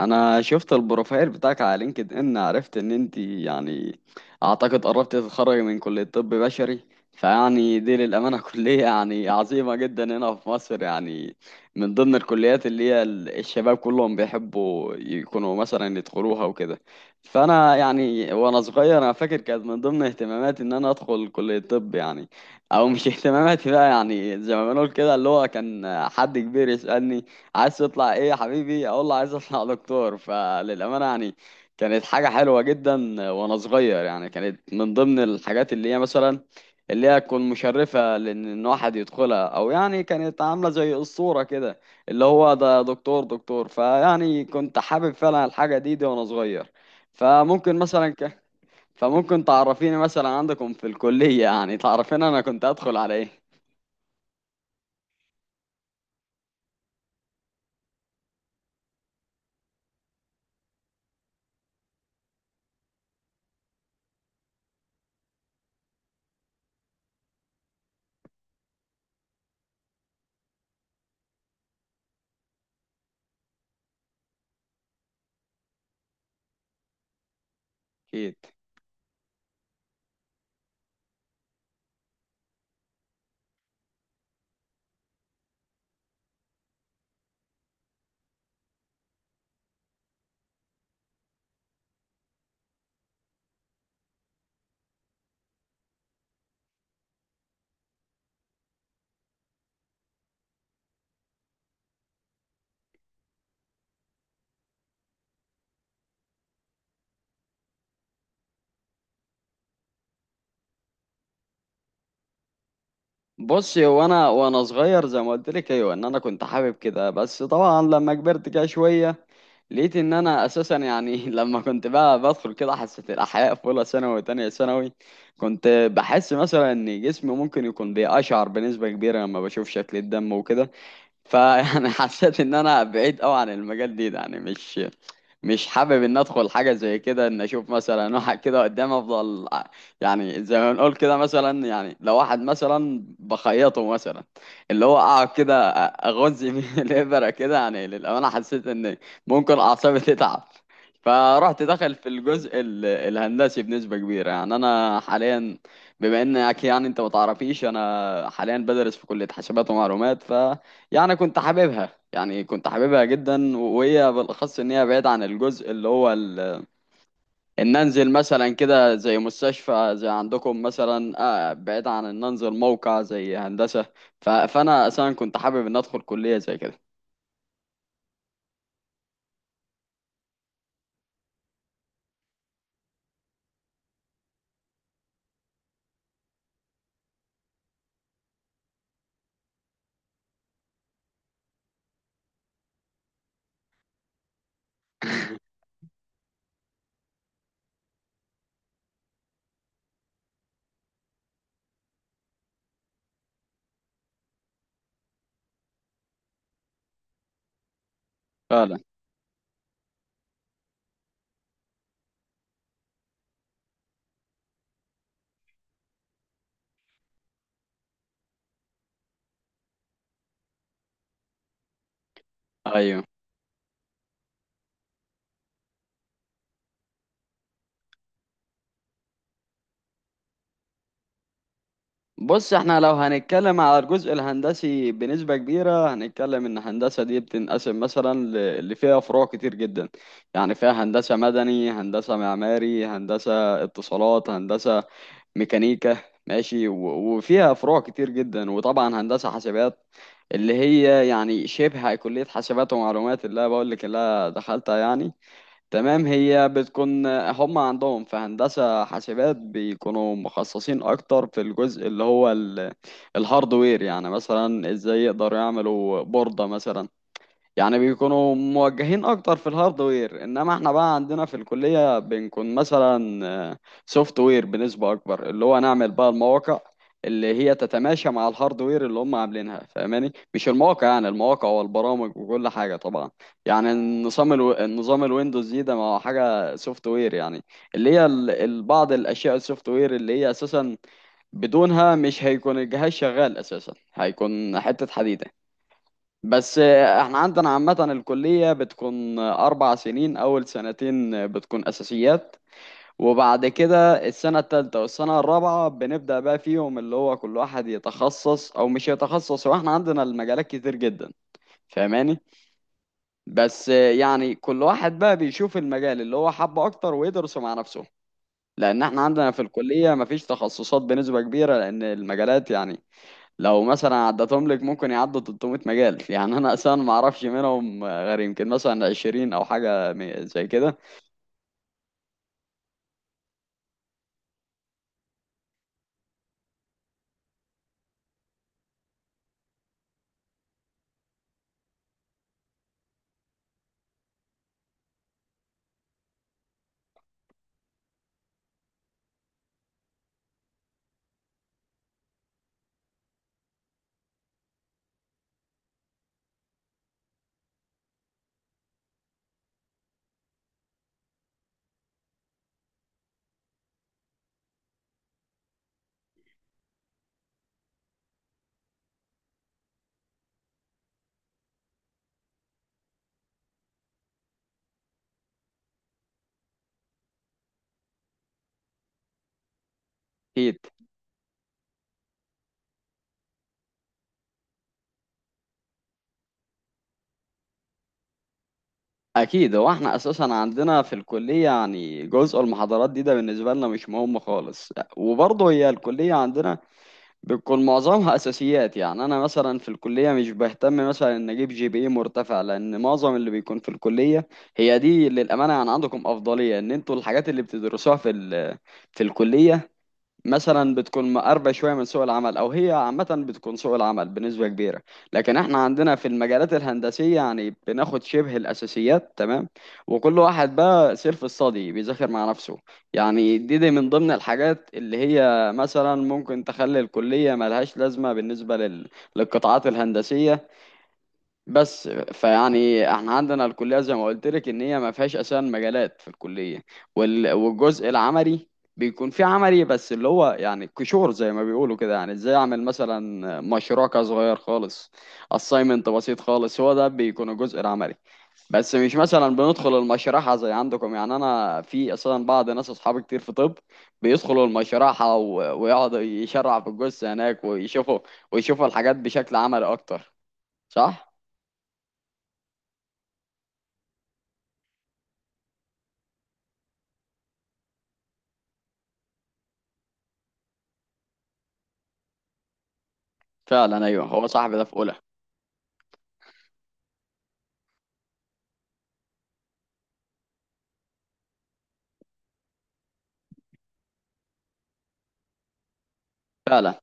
انا شفت البروفايل بتاعك على لينكد ان، عرفت ان انت اعتقد قربت تتخرجي من كلية طب بشري. دي للامانة كلية عظيمة جدا هنا في مصر، من ضمن الكليات اللي الشباب كلهم بيحبوا يكونوا مثلا يدخلوها وكده. فانا وانا صغير انا فاكر كانت من ضمن اهتماماتي ان انا ادخل كلية طب، او مش اهتماماتي بقى، زي ما بنقول كده، اللي هو كان حد كبير يسألني عايز تطلع ايه يا حبيبي، اقول له عايز اطلع دكتور. فللامانه كانت حاجه حلوه جدا. وانا صغير كانت من ضمن الحاجات اللي هي مثلا اللي هي تكون مشرفه، لان إن واحد يدخلها، او كانت عامله زي الصوره كده، اللي هو ده دكتور دكتور. كنت حابب فعلا الحاجه دي وانا صغير. فممكن مثلا ك... فممكن تعرفيني مثلا عندكم في الكليه، تعرفين انا كنت ادخل على ايه. اكيد. بصي، هو انا وانا صغير زي ما قلت لك، ايوه، ان انا كنت حابب كده، بس طبعا لما كبرت كده شويه لقيت ان انا اساسا لما كنت بقى بدخل كده حصه الاحياء في اولى ثانوي وتانية ثانوي، كنت بحس مثلا ان جسمي ممكن يكون بيقشعر بنسبه كبيره لما بشوف شكل الدم وكده. حسيت ان انا بعيد قوي عن المجال ده، مش حابب ان ادخل حاجه زي كده، ان اشوف مثلا واحد كده قدام افضل زي ما نقول كده، مثلا لو واحد مثلا بخيطه مثلا، اللي هو اقعد كده اغز بيه الابره كده، للامانه حسيت ان ممكن اعصابي تتعب. فرحت دخل في الجزء الهندسي بنسبه كبيره. انا حاليا، بما انك انت ما تعرفيش، انا حاليا بدرس في كليه حاسبات ومعلومات. ف يعني كنت حاببها، كنت حاببها جدا، وهي بالاخص ان هي بعيد عن الجزء اللي هو ان انزل مثلا كده زي مستشفى زي عندكم مثلا. آه، بعيد عن ان انزل موقع زي هندسة. فانا اصلا كنت حابب ان ادخل كلية زي كده. فعلا، ايوه. بص، احنا لو هنتكلم على الجزء الهندسي بنسبة كبيرة، هنتكلم ان الهندسة دي بتنقسم مثلا اللي فيها فروع كتير جدا. يعني فيها هندسة مدني، هندسة معماري، هندسة اتصالات، هندسة ميكانيكا، ماشي، وفيها فروع كتير جدا، وطبعا هندسة حاسبات، اللي هي شبه كلية حاسبات ومعلومات اللي أنا بقول لك، اللي أنا دخلتها يعني. تمام، هي بتكون هم عندهم في هندسة حاسبات بيكونوا مخصصين أكتر في الجزء اللي هو الهاردوير، يعني مثلا إزاي يقدروا يعملوا بوردة مثلا. يعني بيكونوا موجهين اكتر في الهاردوير، انما احنا بقى عندنا في الكلية بنكون مثلا سوفت وير بنسبة اكبر، اللي هو نعمل بقى المواقع اللي هي تتماشى مع الهاردوير اللي هم عاملينها، فاهماني، مش المواقع، يعني المواقع والبرامج وكل حاجة طبعا. النظام الويندوز ده ما هو حاجة سوفت وير يعني، اللي هي بعض الاشياء السوفت وير اللي هي اساسا بدونها مش هيكون الجهاز شغال، اساسا هيكون حتة حديدة. بس احنا عندنا عامة الكلية بتكون أربع سنين، أول سنتين بتكون أساسيات، وبعد كده السنة التالتة والسنة الرابعة بنبدأ بقى فيهم اللي هو كل واحد يتخصص أو مش يتخصص، هو احنا عندنا المجالات كتير جدا، فاهماني. بس كل واحد بقى بيشوف المجال اللي هو حبه أكتر، ويدرسه مع نفسه، لأن احنا عندنا في الكلية مفيش تخصصات بنسبة كبيرة، لأن المجالات، لو مثلا عدتهم لك ممكن يعدوا 300 مجال، يعني انا اصلا ما اعرفش منهم غير يمكن مثلا 20 او حاجه زي كده. اكيد. اكيد، هو احنا اساسا عندنا في الكليه، جزء المحاضرات ده بالنسبه لنا مش مهم خالص، وبرضه هي الكليه عندنا بتكون معظمها اساسيات. يعني انا مثلا في الكليه مش بهتم مثلا ان اجيب جي بي اي مرتفع، لان معظم اللي بيكون في الكليه، هي دي للامانه، عندكم افضليه ان انتوا الحاجات اللي بتدرسوها في الكليه مثلا بتكون مقربة شوية من سوق العمل، أو هي عامة بتكون سوق العمل بنسبة كبيرة. لكن احنا عندنا في المجالات الهندسية بناخد شبه الأساسيات، تمام، وكل واحد بقى سيلف ستادي بيذاكر مع نفسه. يعني دي من ضمن الحاجات اللي هي مثلا ممكن تخلي الكلية ملهاش لازمة بالنسبة للقطاعات الهندسية. بس احنا عندنا الكليه زي ما قلت لك ان هي ما فيهاش اساسا مجالات في الكليه، والجزء العملي بيكون فيه عملي، بس اللي هو كشور زي ما بيقولوا كده، يعني ازاي اعمل مثلا مشروع كده صغير خالص، assignment بسيط خالص، هو ده بيكون الجزء العملي. بس مش مثلا بندخل المشرحه زي عندكم. يعني انا في اساسا بعض ناس اصحابي كتير في طب بيدخلوا المشرحه، ويقعدوا يشرح في الجثه هناك ويشوفوا، ويشوفوا الحاجات بشكل عملي اكتر. صح. فعلا، ايوه، هو صاحبي ده في اولى. فعلا،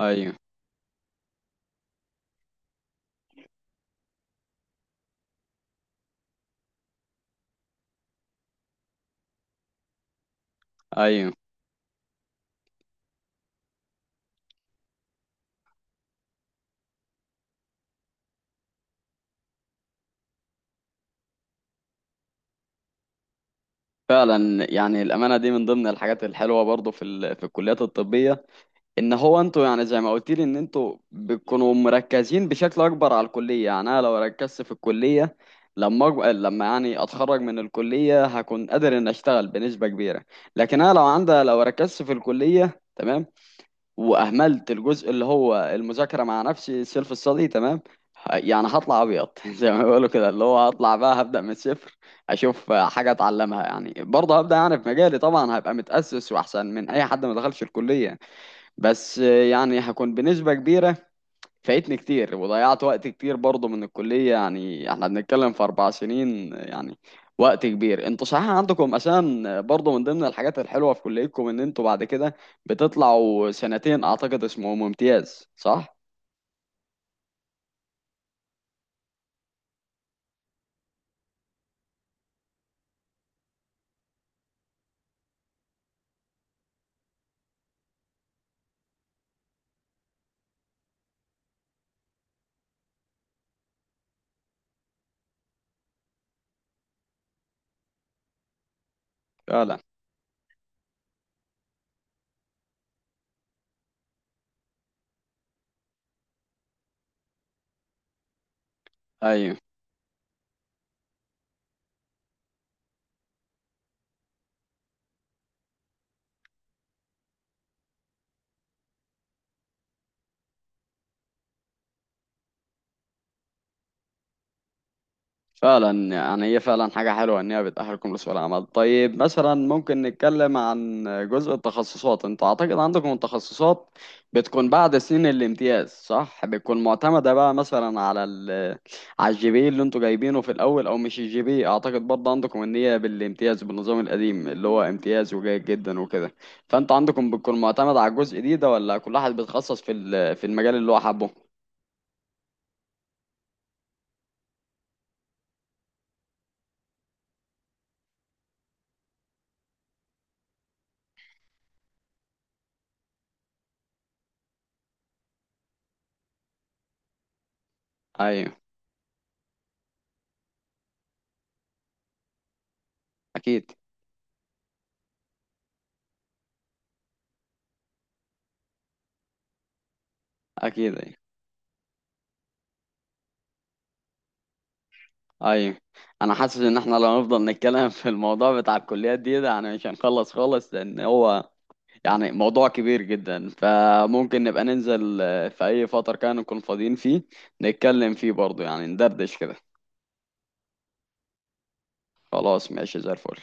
ايوه، ايوه. فعلا، يعني الامانه دي من ضمن الحاجات الحلوه برضو في الكليات الطبيه، ان هو انتوا زي ما قلت لي ان انتوا بتكونوا مركزين بشكل اكبر على الكليه. يعني انا لو ركزت في الكليه، لما اتخرج من الكليه هكون قادر ان اشتغل بنسبه كبيره. لكن انا لو عندي، لو ركزت في الكليه تمام، واهملت الجزء اللي هو المذاكره مع نفسي، سيلف ستادي، تمام، يعني هطلع ابيض زي ما بيقولوا كده، اللي هو هطلع بقى هبدا من الصفر، اشوف حاجه اتعلمها، يعني برضه هبدا. يعني في مجالي طبعا هبقى متاسس واحسن من اي حد ما دخلش الكليه، بس يعني هكون بنسبه كبيره فايتني كتير، وضيعت وقت كتير برضه من الكلية. يعني احنا بنتكلم في أربع سنين، يعني وقت كبير. انتوا صحيح عندكم أساسا برضه من ضمن الحاجات الحلوة في كليتكم ان انتوا بعد كده بتطلعوا سنتين أعتقد اسمهم امتياز، صح؟ فعلا، أيوه. فعلا يعني هي فعلا حاجة حلوة إن هي بتأهلكم لسوق العمل. طيب مثلا ممكن نتكلم عن جزء التخصصات، أنتوا أعتقد عندكم التخصصات بتكون بعد سنين الامتياز صح؟ بتكون معتمدة بقى مثلا على الجي بي إيه اللي أنتوا جايبينه في الأول، أو مش الجي بي إيه. أعتقد برضه عندكم إن هي بالامتياز بالنظام القديم اللي هو امتياز وجيد جدا وكده. فأنتوا عندكم بتكون معتمد على الجزء دي ده، ولا كل واحد بيتخصص في المجال اللي هو حابه؟ أيوه، أكيد. أكيد، أيوه. ايوه. انا حاسس ان احنا لو نفضل نتكلم في الموضوع بتاع الكليات دي ده، يعني مش هنخلص خالص، لان هو يعني موضوع كبير جدا، فممكن نبقى ننزل آه، في اي فترة كان نكون فاضيين فيه، نتكلم فيه برضه، يعني ندردش كده. خلاص ماشي زي الفل.